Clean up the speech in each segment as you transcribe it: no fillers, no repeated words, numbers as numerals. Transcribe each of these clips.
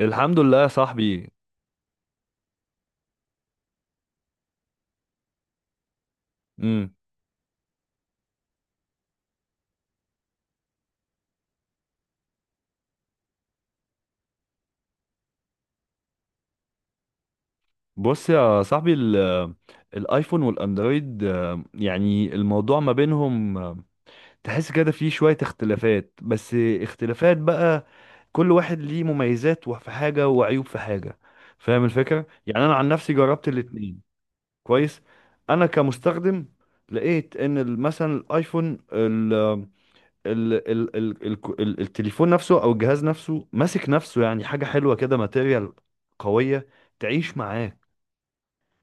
الحمد لله يا صاحبي. امم. بص يا صاحبي، الايفون والاندرويد، يعني الموضوع ما بينهم، تحس كده فيه شوية اختلافات، بس اختلافات بقى كل واحد ليه مميزات في حاجة وعيوب في حاجة. فاهم الفكرة؟ يعني انا عن نفسي جربت الاتنين. كويس. انا كمستخدم لقيت ان مثلا الايفون، ال التليفون نفسه او الجهاز نفسه ماسك نفسه، يعني حاجه حلوه كده، ماتيريال قويه تعيش معاك.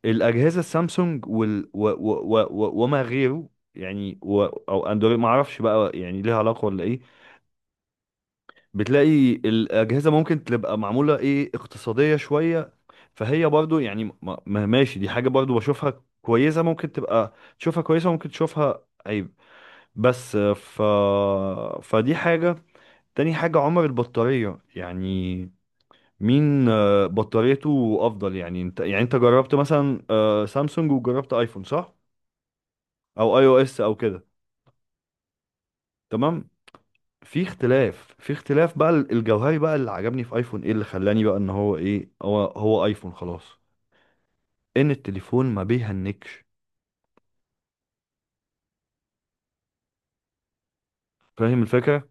الاجهزه السامسونج وال و و و و وما غيره، يعني او اندرويد ما اعرفش بقى يعني ليها علاقه ولا ايه. بتلاقي الاجهزه ممكن تبقى معموله ايه، اقتصاديه شويه، فهي برضو يعني ماشي، دي حاجه برضو بشوفها كويسه، ممكن تبقى تشوفها كويسه، ممكن تشوفها عيب. بس ف فدي حاجه. تاني حاجة عمر البطارية، يعني مين بطاريته أفضل؟ يعني أنت، يعني أنت جربت مثلا سامسونج وجربت أيفون صح؟ أو أي أو إس أو كده. تمام؟ في اختلاف، بقى الجوهري بقى، اللي عجبني في أيفون، إيه اللي خلاني بقى إن هو إيه، هو أيفون خلاص؟ إن التليفون ما بيهنكش. فاهم الفكرة؟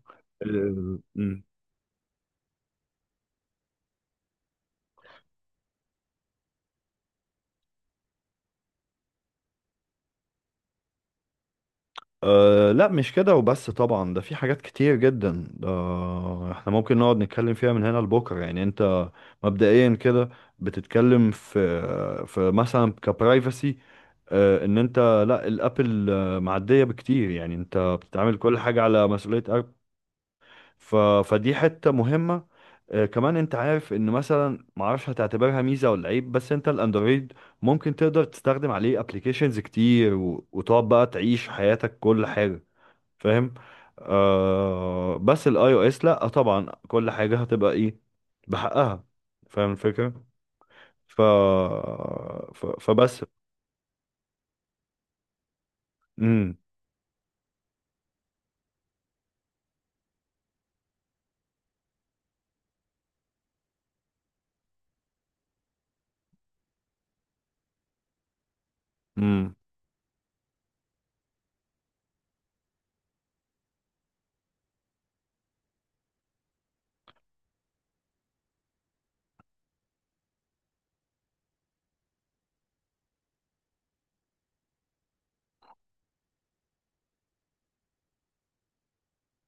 أه لا مش كده وبس، طبعا ده في حاجات كتير جدا، ده احنا ممكن نقعد نتكلم فيها من هنا لبكره. يعني انت مبدئيا كده بتتكلم في مثلا كبرايفسي، أه ان انت، لا الابل معديه بكتير، يعني انت بتتعامل كل حاجه على مسؤوليه ابل. ف فدي حته مهمه. أه كمان انت عارف ان مثلا، معرفش هتعتبرها ميزه ولا عيب، بس انت الاندرويد ممكن تقدر تستخدم عليه ابلكيشنز كتير وتقعد بقى تعيش حياتك كل حاجه. فاهم؟ آه بس الاي او اس لا طبعا، كل حاجه هتبقى ايه، بحقها. فاهم الفكره؟ ف, فبس. امم. امم.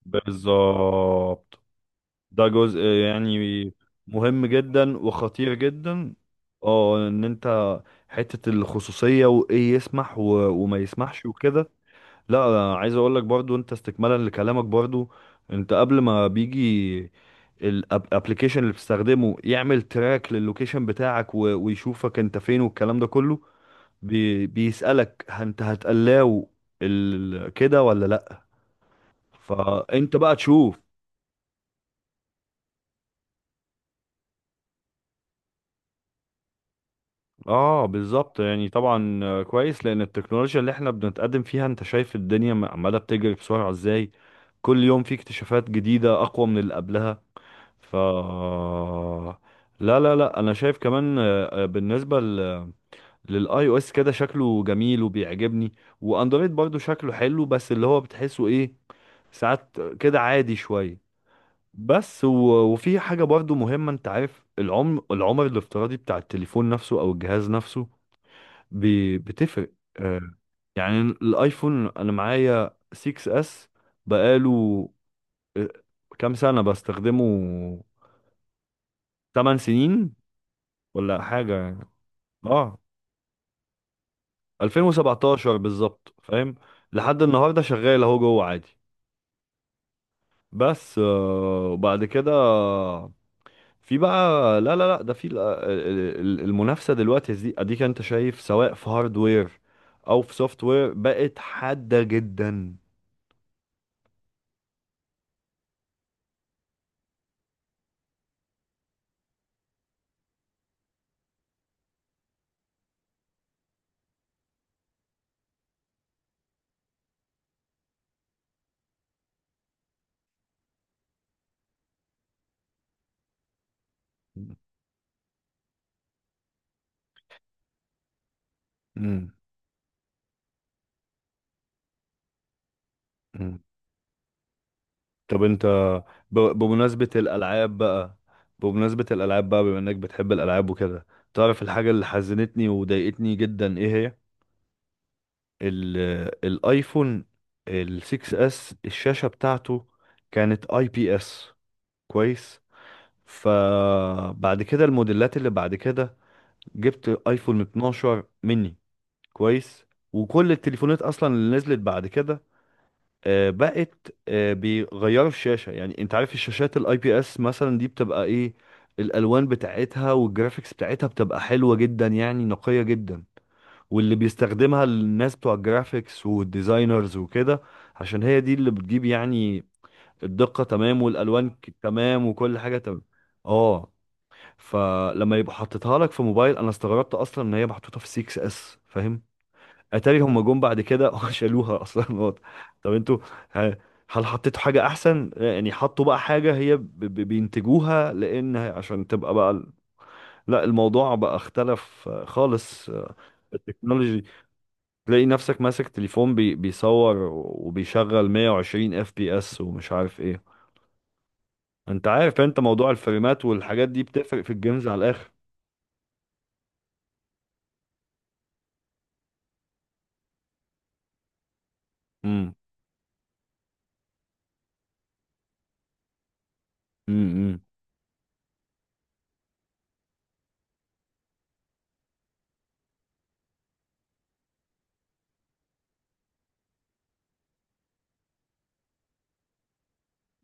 بالظبط. ده جزء يعني مهم جدا وخطير جدا. اه ان انت حته الخصوصيه، وايه وما يسمحش وكده. لا أنا عايز اقول لك برضو، انت استكمالا لكلامك برضو، انت قبل ما بيجي الابلكيشن اللي بتستخدمه يعمل تراك للوكيشن بتاعك ويشوفك انت فين والكلام ده كله، بيسألك انت هتقلاو كده ولا لا. فانت بقى تشوف. اه بالظبط، يعني طبعا كويس، لان التكنولوجيا اللي احنا بنتقدم فيها انت شايف الدنيا عماله بتجري بسرعه ازاي. كل يوم في اكتشافات جديده اقوى من اللي قبلها. ف لا انا شايف كمان، بالنسبه للاي او اس كده شكله جميل وبيعجبني، واندرويد برضو شكله حلو، بس اللي هو بتحسه ايه، ساعات كده عادي شويه. بس و... وفي حاجه برضو مهمه، انت عارف العمر، الافتراضي بتاع التليفون نفسه او الجهاز نفسه، ب... بتفرق. آه، يعني الايفون انا معايا 6 اس، بقاله آه، كام سنه بستخدمه، 8 سنين ولا حاجة يعني. اه 2017 بالظبط، فاهم. لحد النهاردة شغال اهو جوه عادي. بس آه، وبعد كده في بقى، لا ده في المنافسة دلوقتي دي، اديك انت شايف سواء في هاردوير او في سوفت وير، بقت حادة جدا. مم. مم. طب انت، بمناسبة الالعاب بقى، بما انك بتحب الالعاب وكده، تعرف الحاجة اللي حزنتني وضايقتني جدا ايه هي؟ الايفون ال 6 اس الشاشة بتاعته كانت اي بي اس. كويس. فبعد كده الموديلات اللي بعد كده، جبت ايفون 12 مني. كويس. وكل التليفونات اصلا اللي نزلت بعد كده بقت بيغيروا الشاشة. يعني انت عارف الشاشات الاي بي اس مثلا دي بتبقى ايه، الالوان بتاعتها والجرافيكس بتاعتها بتبقى حلوة جدا، يعني نقية جدا، واللي بيستخدمها الناس بتوع الجرافيكس والديزاينرز وكده، عشان هي دي اللي بتجيب يعني الدقة تمام والألوان تمام وكل حاجة تمام. اه. فلما يبقى حطيتها لك في موبايل، انا استغربت اصلا ان هي محطوطة في 6 اس، فاهم؟ اتاري هم جم بعد كده شالوها اصلا، واضح. طب انتوا، ه- هل حطيتوا حاجة احسن، يعني حطوا بقى حاجة هي بينتجوها لان عشان تبقى بقى لا الموضوع بقى اختلف خالص. التكنولوجي تلاقي نفسك ماسك تليفون بيصور وبيشغل 120 اف بي اس ومش عارف ايه. انت عارف انت موضوع الفريمات والحاجات دي بتفرق في الجيمز على الاخر. امم. امم.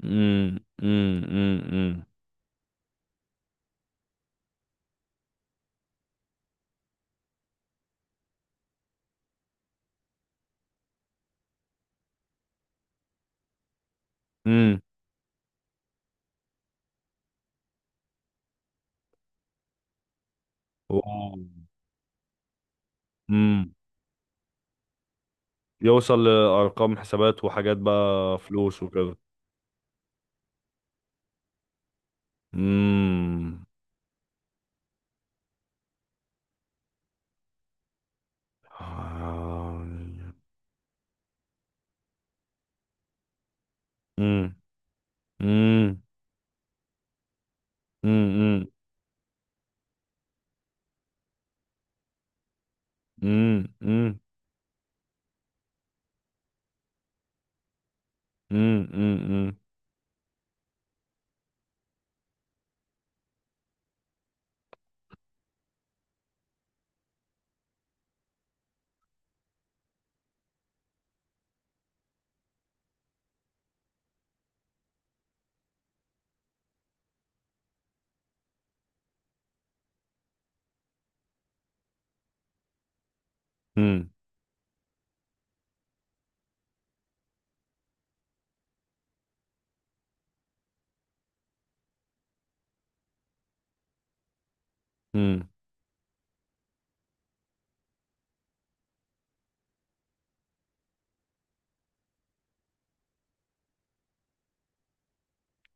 امم. امم. امم. امم. يوصل لارقام حسابات وحاجات بقى فلوس وكده. امم. امم. امم. امم. امم. امم. امم. امم.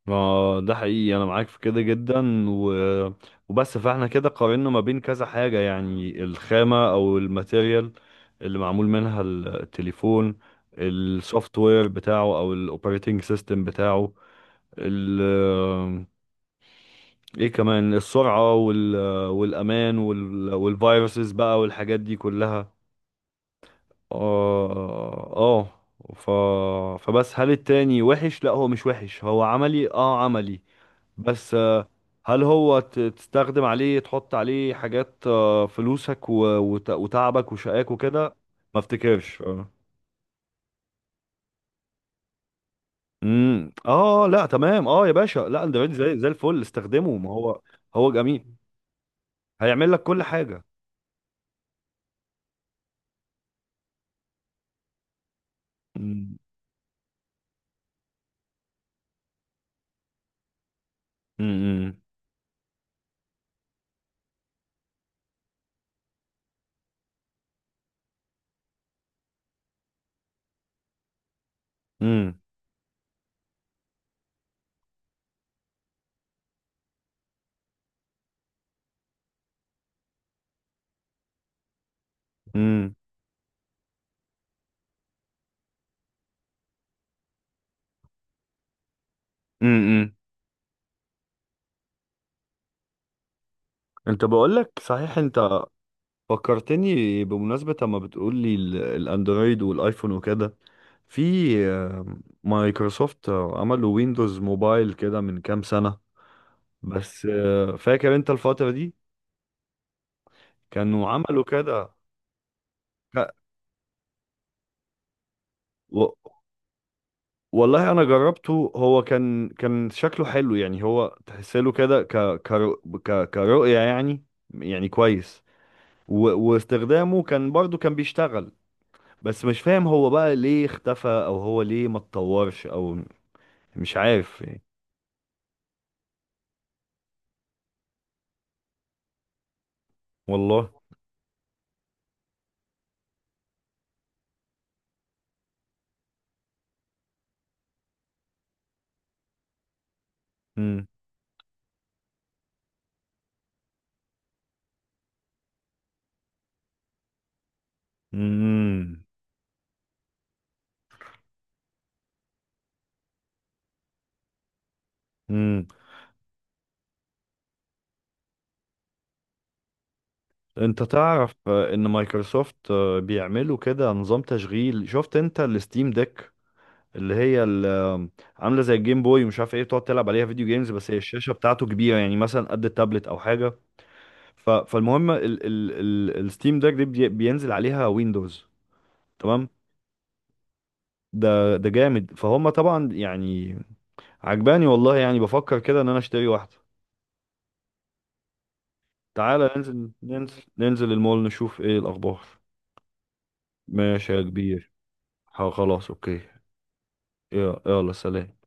ما ده حقيقي، انا معاك في كده جدا وبس. فاحنا كده قارنا ما بين كذا حاجة، يعني الخامة او الماتيريال اللي معمول منها التليفون، السوفت وير بتاعه او الاوبريتنج سيستم بتاعه، ال... ايه كمان، السرعة والامان والفيروسز بقى والحاجات دي كلها. اه اه. ف... فبس هل التاني وحش؟ لا هو مش وحش، هو عملي، اه عملي. بس هل هو تستخدم عليه، تحط عليه حاجات فلوسك وتعبك وشقاك وكده؟ ما افتكرش، اه. امم. اه لا تمام، اه يا باشا، لا اندرويد زي زي الفل استخدمه، ما هو هو جميل هيعمل لك كل حاجه. امم. امم. امم. امم. امم. انت بقول لك صحيح، انت فكرتني بمناسبه اما بتقول لي الاندرويد والايفون وكده، في مايكروسوفت عملوا ويندوز موبايل كده من كام سنة. بس فاكر انت الفترة دي كانوا عملوا كده. ك- و- والله انا جربته، هو كان شكله حلو يعني، هو تحسله كده كرؤية يعني، يعني كويس و... واستخدامه كان برضو كان بيشتغل. بس مش فاهم هو بقى ليه اختفى، او هو ليه ما اتطورش، او مش عارف يعني، والله. امم. امم. انت تعرف ان مايكروسوفت بيعملوا كده نظام تشغيل، شفت انت الستيم ديك اللي هي عامله زي الجيم بوي ومش عارف ايه، بتقعد تلعب عليها فيديو جيمز، بس هي الشاشه بتاعته كبيره يعني مثلا قد التابلت او حاجه. فالمهم ال ال ال الستيم ديك دي بينزل عليها ويندوز. تمام. ده ده جامد، فهم طبعا يعني، عجباني والله، يعني بفكر كده ان انا اشتري واحده. تعالى ننزل، ننزل المول، نشوف ايه الاخبار. ماشي يا كبير. خلاص اوكي. يلا سلام.